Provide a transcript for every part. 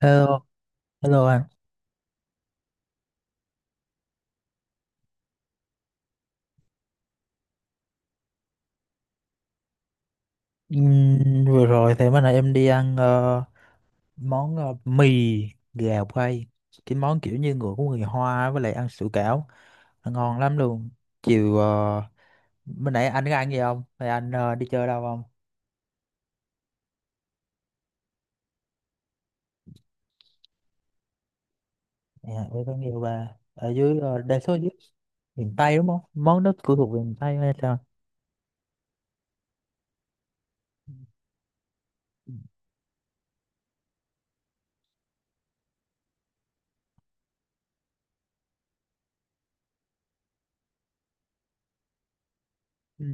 Hello, hello anh. Ừm, Vừa rồi thì bữa nay em đi ăn món mì gà quay. Cái món kiểu như người của người Hoa với lại ăn sủi cảo. Nó ngon lắm luôn. Chiều ờ, Mới nãy anh có ăn gì không? Hay anh đi chơi đâu không? Dạ, em có nhiều bà. Ở dưới đa số dưới miền Tây đúng không? Món đó của thuộc về miền Tây hay sao? Ừ.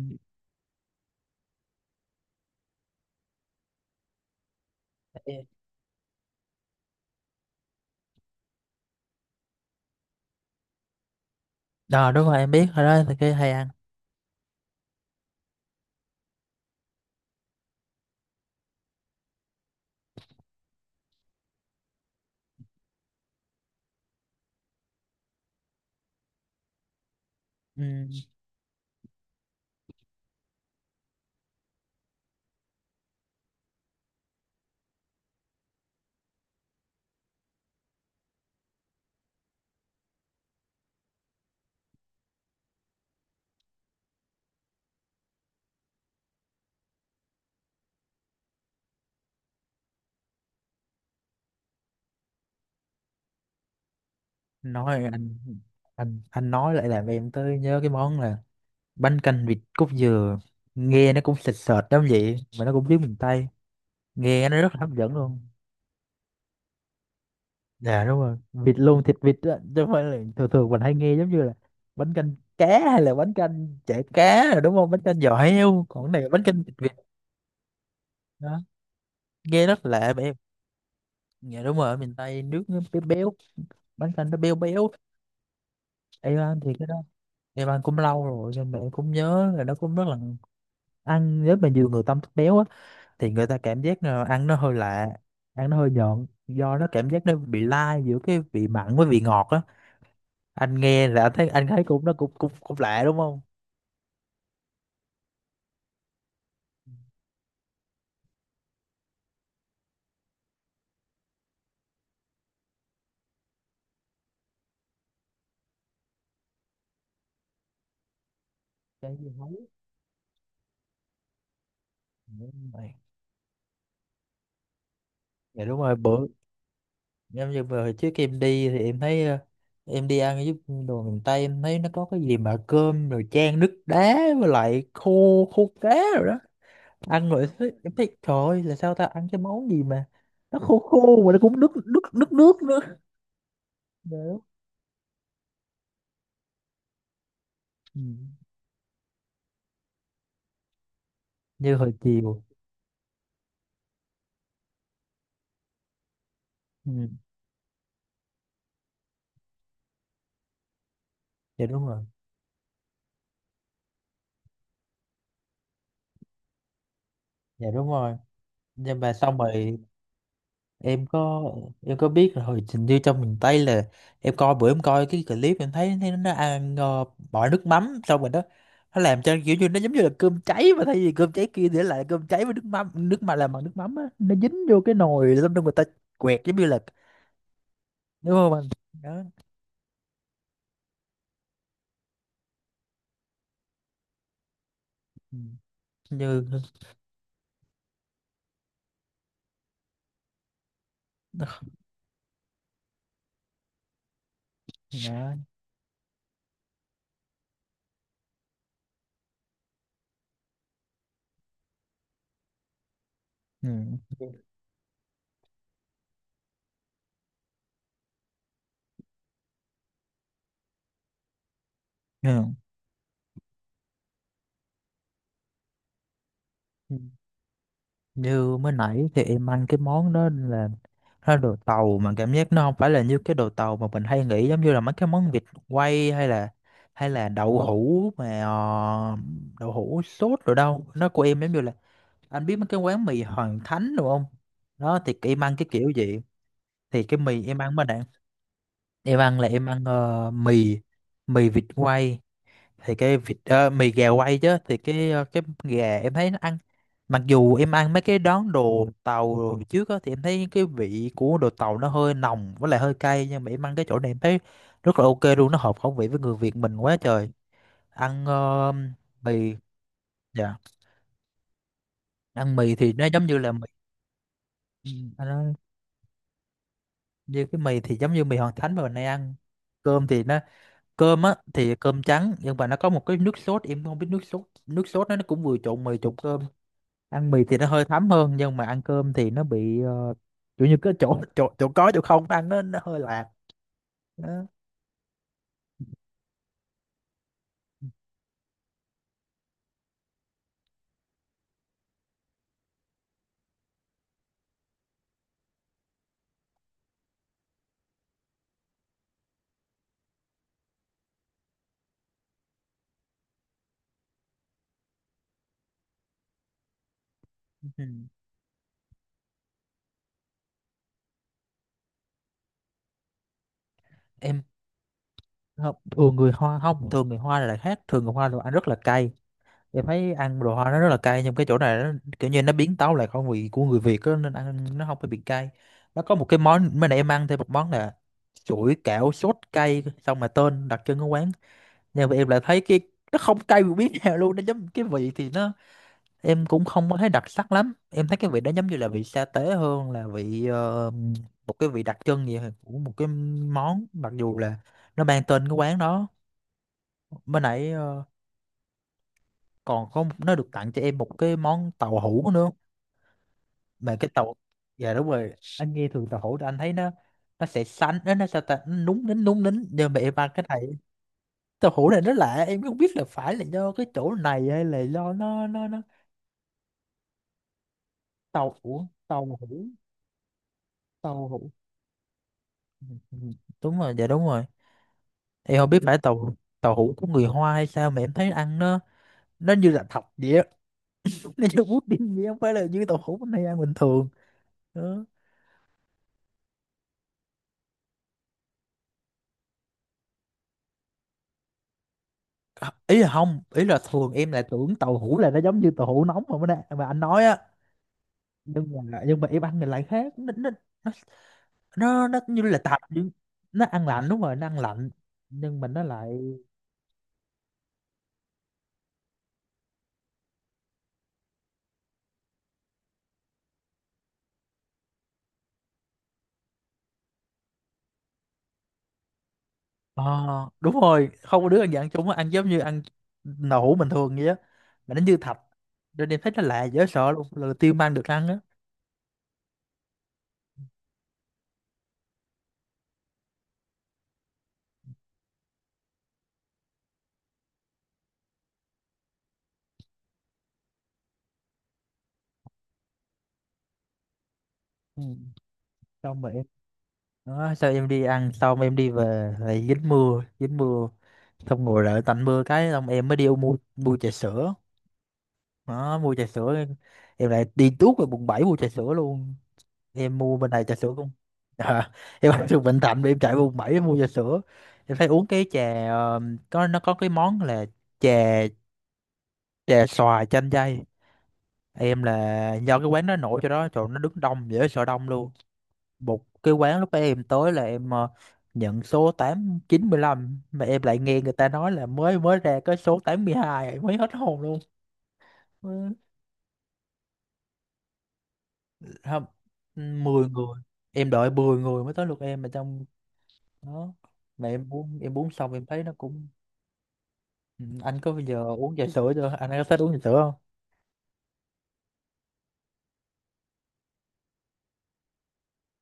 Đó đúng rồi, em biết rồi, đó thì cái hay ăn. Ừm, Nói anh, anh nói lại làm em tới nhớ cái món là bánh canh vịt cốt dừa, nghe nó cũng sệt sệt lắm, vậy mà nó cũng tiếng miền Tây, nghe nó rất là hấp dẫn luôn. Dạ đúng rồi, vịt luôn, thịt vịt á, chứ không phải là thường thường mình hay nghe giống như là bánh canh cá hay là bánh canh chả cá rồi, đúng không? Bánh canh giò heo, còn cái này là bánh canh thịt vịt đó, nghe rất lạ vậy em. Dạ đúng rồi, ở miền Tây nước nó béo béo, bánh canh nó béo béo. Em ăn thì cái đó em ăn cũng lâu rồi, nhưng mà em cũng nhớ là nó cũng rất là ăn. Nếu mà nhiều người tâm thích béo á thì người ta cảm giác là ăn nó hơi lạ, ăn nó hơi nhợn, do nó cảm giác nó bị lai giữa cái vị mặn với vị ngọt á. Anh nghe là anh thấy, anh thấy cũng nó cũng cũng cũng lạ đúng không? Trái dưa hấu. Đúng rồi. Dạ đúng rồi. Bữa em như vừa hồi trước em đi thì em thấy em đi ăn giúp đồ miền Tây, em thấy nó có cái gì mà cơm rồi chan nước đá với lại khô khô cá rồi đó. Em thấy trời ơi, là sao ta ăn cái món gì mà nó khô khô mà nó cũng nước nước nước nước nữa. Dạ đúng. Ừ. Như hồi chiều. Ừ. Dạ đúng rồi. Dạ đúng rồi, nhưng mà xong rồi em có, em có biết là hồi trình như trong miền Tây là em coi, bữa em coi cái clip em thấy, thấy nó ăn bỏ nước mắm xong rồi đó, nó làm cho kiểu như nó giống như là cơm cháy, mà thay vì cơm cháy kia thì nó lại cơm cháy với nước mắm, nước mà làm bằng nước mắm á, nó dính vô cái nồi xong rồi người ta quẹt, giống như là đúng không anh đó. Ừ. Như đó. Ừ. Ừ. Như mới nãy thì em ăn cái món đó là nó đồ tàu, mà cảm giác nó không phải là như cái đồ tàu mà mình hay nghĩ, giống như là mấy cái món vịt quay hay là đậu hũ mà đậu hũ sốt rồi đâu. Nó của em giống như là anh biết mấy cái quán mì Hoàng Thánh đúng không? Đó thì em ăn cái kiểu gì thì cái mì em ăn mà bạn em ăn là em ăn mì mì vịt quay, thì cái vịt mì gà quay chứ, thì cái cái gà em thấy nó ăn, mặc dù em ăn mấy cái đón đồ tàu đồ trước á thì em thấy cái vị của đồ tàu nó hơi nồng với lại hơi cay, nhưng mà em ăn cái chỗ này em thấy rất là ok luôn, nó hợp khẩu vị với người Việt mình quá trời. Ăn mì. Dạ, ăn mì thì nó giống như là mì. ừ, nó, Như cái mì thì giống như mì Hoàng Thánh mà mình hay ăn. Cơm thì nó, cơm á thì cơm trắng, nhưng mà nó có một cái nước sốt, em không biết nước sốt nó cũng vừa trộn mì trộn cơm. Ăn mì thì nó hơi thấm hơn, nhưng mà ăn cơm thì nó bị kiểu như cái chỗ chỗ chỗ có chỗ không, ăn nó hơi lạc. Nó. Ừ. Em không, thường người Hoa không, thường người Hoa là lại khác, thường người Hoa đồ ăn rất là cay, em thấy ăn đồ Hoa nó rất là cay, nhưng cái chỗ này nó kiểu như nó biến tấu lại khẩu vị của người Việt á, nên ăn nó không phải bị cay. Nó có một cái món mới nãy em ăn thêm một món là chuỗi kẹo sốt cay xong, mà tên đặc trưng của quán, nhưng mà em lại thấy cái nó không cay một miếng nào luôn. Nó giống cái vị thì nó, em cũng không có thấy đặc sắc lắm, em thấy cái vị đó giống như là vị sa tế hơn là vị một cái vị đặc trưng gì của một cái món, mặc dù là nó mang tên cái quán đó. Bên nãy còn có một- nó được tặng cho em một cái món tàu hũ nữa, mà cái tàu. Dạ đúng rồi, anh nghe thường tàu hũ thì anh thấy nó sẽ xanh, nó sao ta, nó núng nính núng nính, nhưng mà em ăn cái này tàu hũ này nó lạ, em không biết là phải là do cái chỗ này hay là do nó. Tàu hũ, tàu hũ, tàu hũ. Ừ, đúng rồi. Dạ đúng rồi. Em không biết phải tàu, tàu hũ của người Hoa hay sao mà em thấy ăn nó như là thật vậy á, nó như pudding vậy, không phải là như tàu hũ bên này ăn bình thường đó. À, ý là không, ý là thường em lại tưởng tàu hũ là nó giống như tàu hũ nóng mà bữa nay mà anh nói á, nhưng mà em ăn thì lại khác. Nó nó nó nó, nó như là thật, nhưng nó ăn lạnh, đúng rồi nó ăn lạnh, nhưng mà nó lại. Ờ, đúng rồi, không có đứa ăn dạng chung á, ăn giống như ăn nậu hũ bình thường vậy á, mà nó như thạch, nên em thấy nó lạ dễ sợ luôn, lần đầu tiên mang được ăn á. Ừ. Xong rồi em đó, sao em đi ăn xong em đi về lại dính mưa, dính mưa, xong ngồi đợi tạnh mưa cái xong em mới đi mua, trà sữa đó. Mua trà sữa em lại đi tuốt về quận 7 mua trà sữa luôn. Em mua bên này trà sữa cũng à, em ở từ Bình Thạnh mà em chạy quận 7 em mua trà sữa. Em thấy uống cái trà có, nó có cái món là trà. Dạ xoài chanh dây. Em là do cái quán nó nổi cho đó, trời nó đứng đông dễ sợ, đông luôn. Một cái quán lúc em tới là em nhận số tám chín lăm, mà em lại nghe người ta nói là mới mới ra cái số 82, em mới hết hồn luôn. Ừ, không, 10 người. Em đợi 10 người mới tới lượt em, mà trong đó. Mà em uống, xong em thấy nó cũng. Ừ, anh có bao giờ uống trà sữa chưa? Anh có thích uống trà sữa không?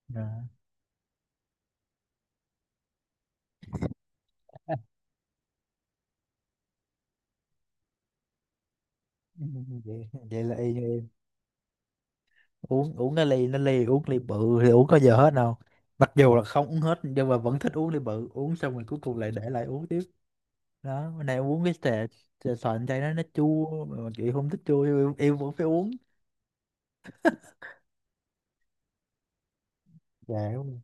Dạ. Ừ, vậy, vậy là y như uống, cái ly nó ly, uống ly bự thì uống có giờ hết đâu, mặc dù là không uống hết nhưng mà vẫn thích uống ly bự, uống xong rồi cuối cùng lại để lại uống tiếp. Đó bữa nay uống cái trà, trà xoài chai đó nó chua mà chị không thích chua, em vẫn phải uống. Dạ đúng rồi.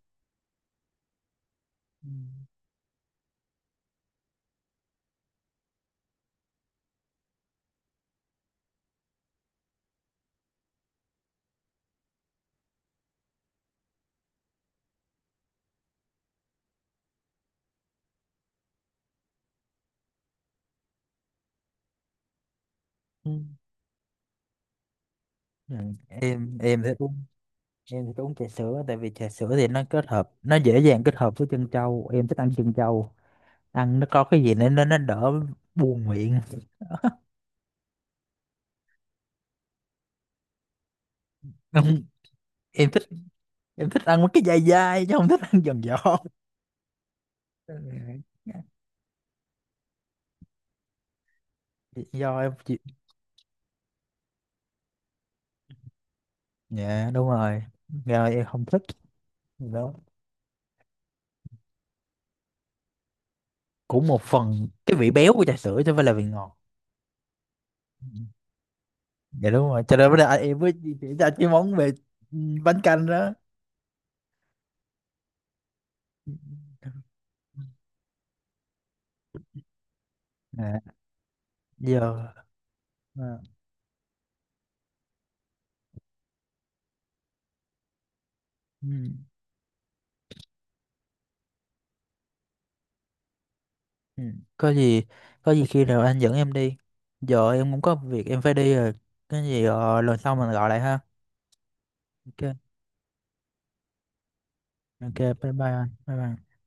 Ừ. Ừ. Ừ. Em thích uống, em thích uống trà sữa tại vì trà sữa thì nó kết hợp, nó dễ dàng kết hợp với chân trâu, em thích ăn chân trâu, ăn nó có cái gì nên nó đỡ buồn miệng. Không, em thích, em thích ăn mấy cái dai dai chứ không thích ăn giòn giòn. Ừ. Do em chịu. Dạ đúng rồi, do em không thích đó. Cũng một phần cái vị béo của trà sữa chứ không phải là vị ngọt. Dạ đúng rồi, cho nên bây giờ em mới di chuyển ra cái món về ừ, bánh canh đó. À, giờ à, ừ, ừ. Có gì, có gì khi nào anh dẫn em đi, giờ em cũng có việc em phải đi rồi, cái gì lần sau mình gọi lại ha. Ok, ok, bye bye anh, bye bye.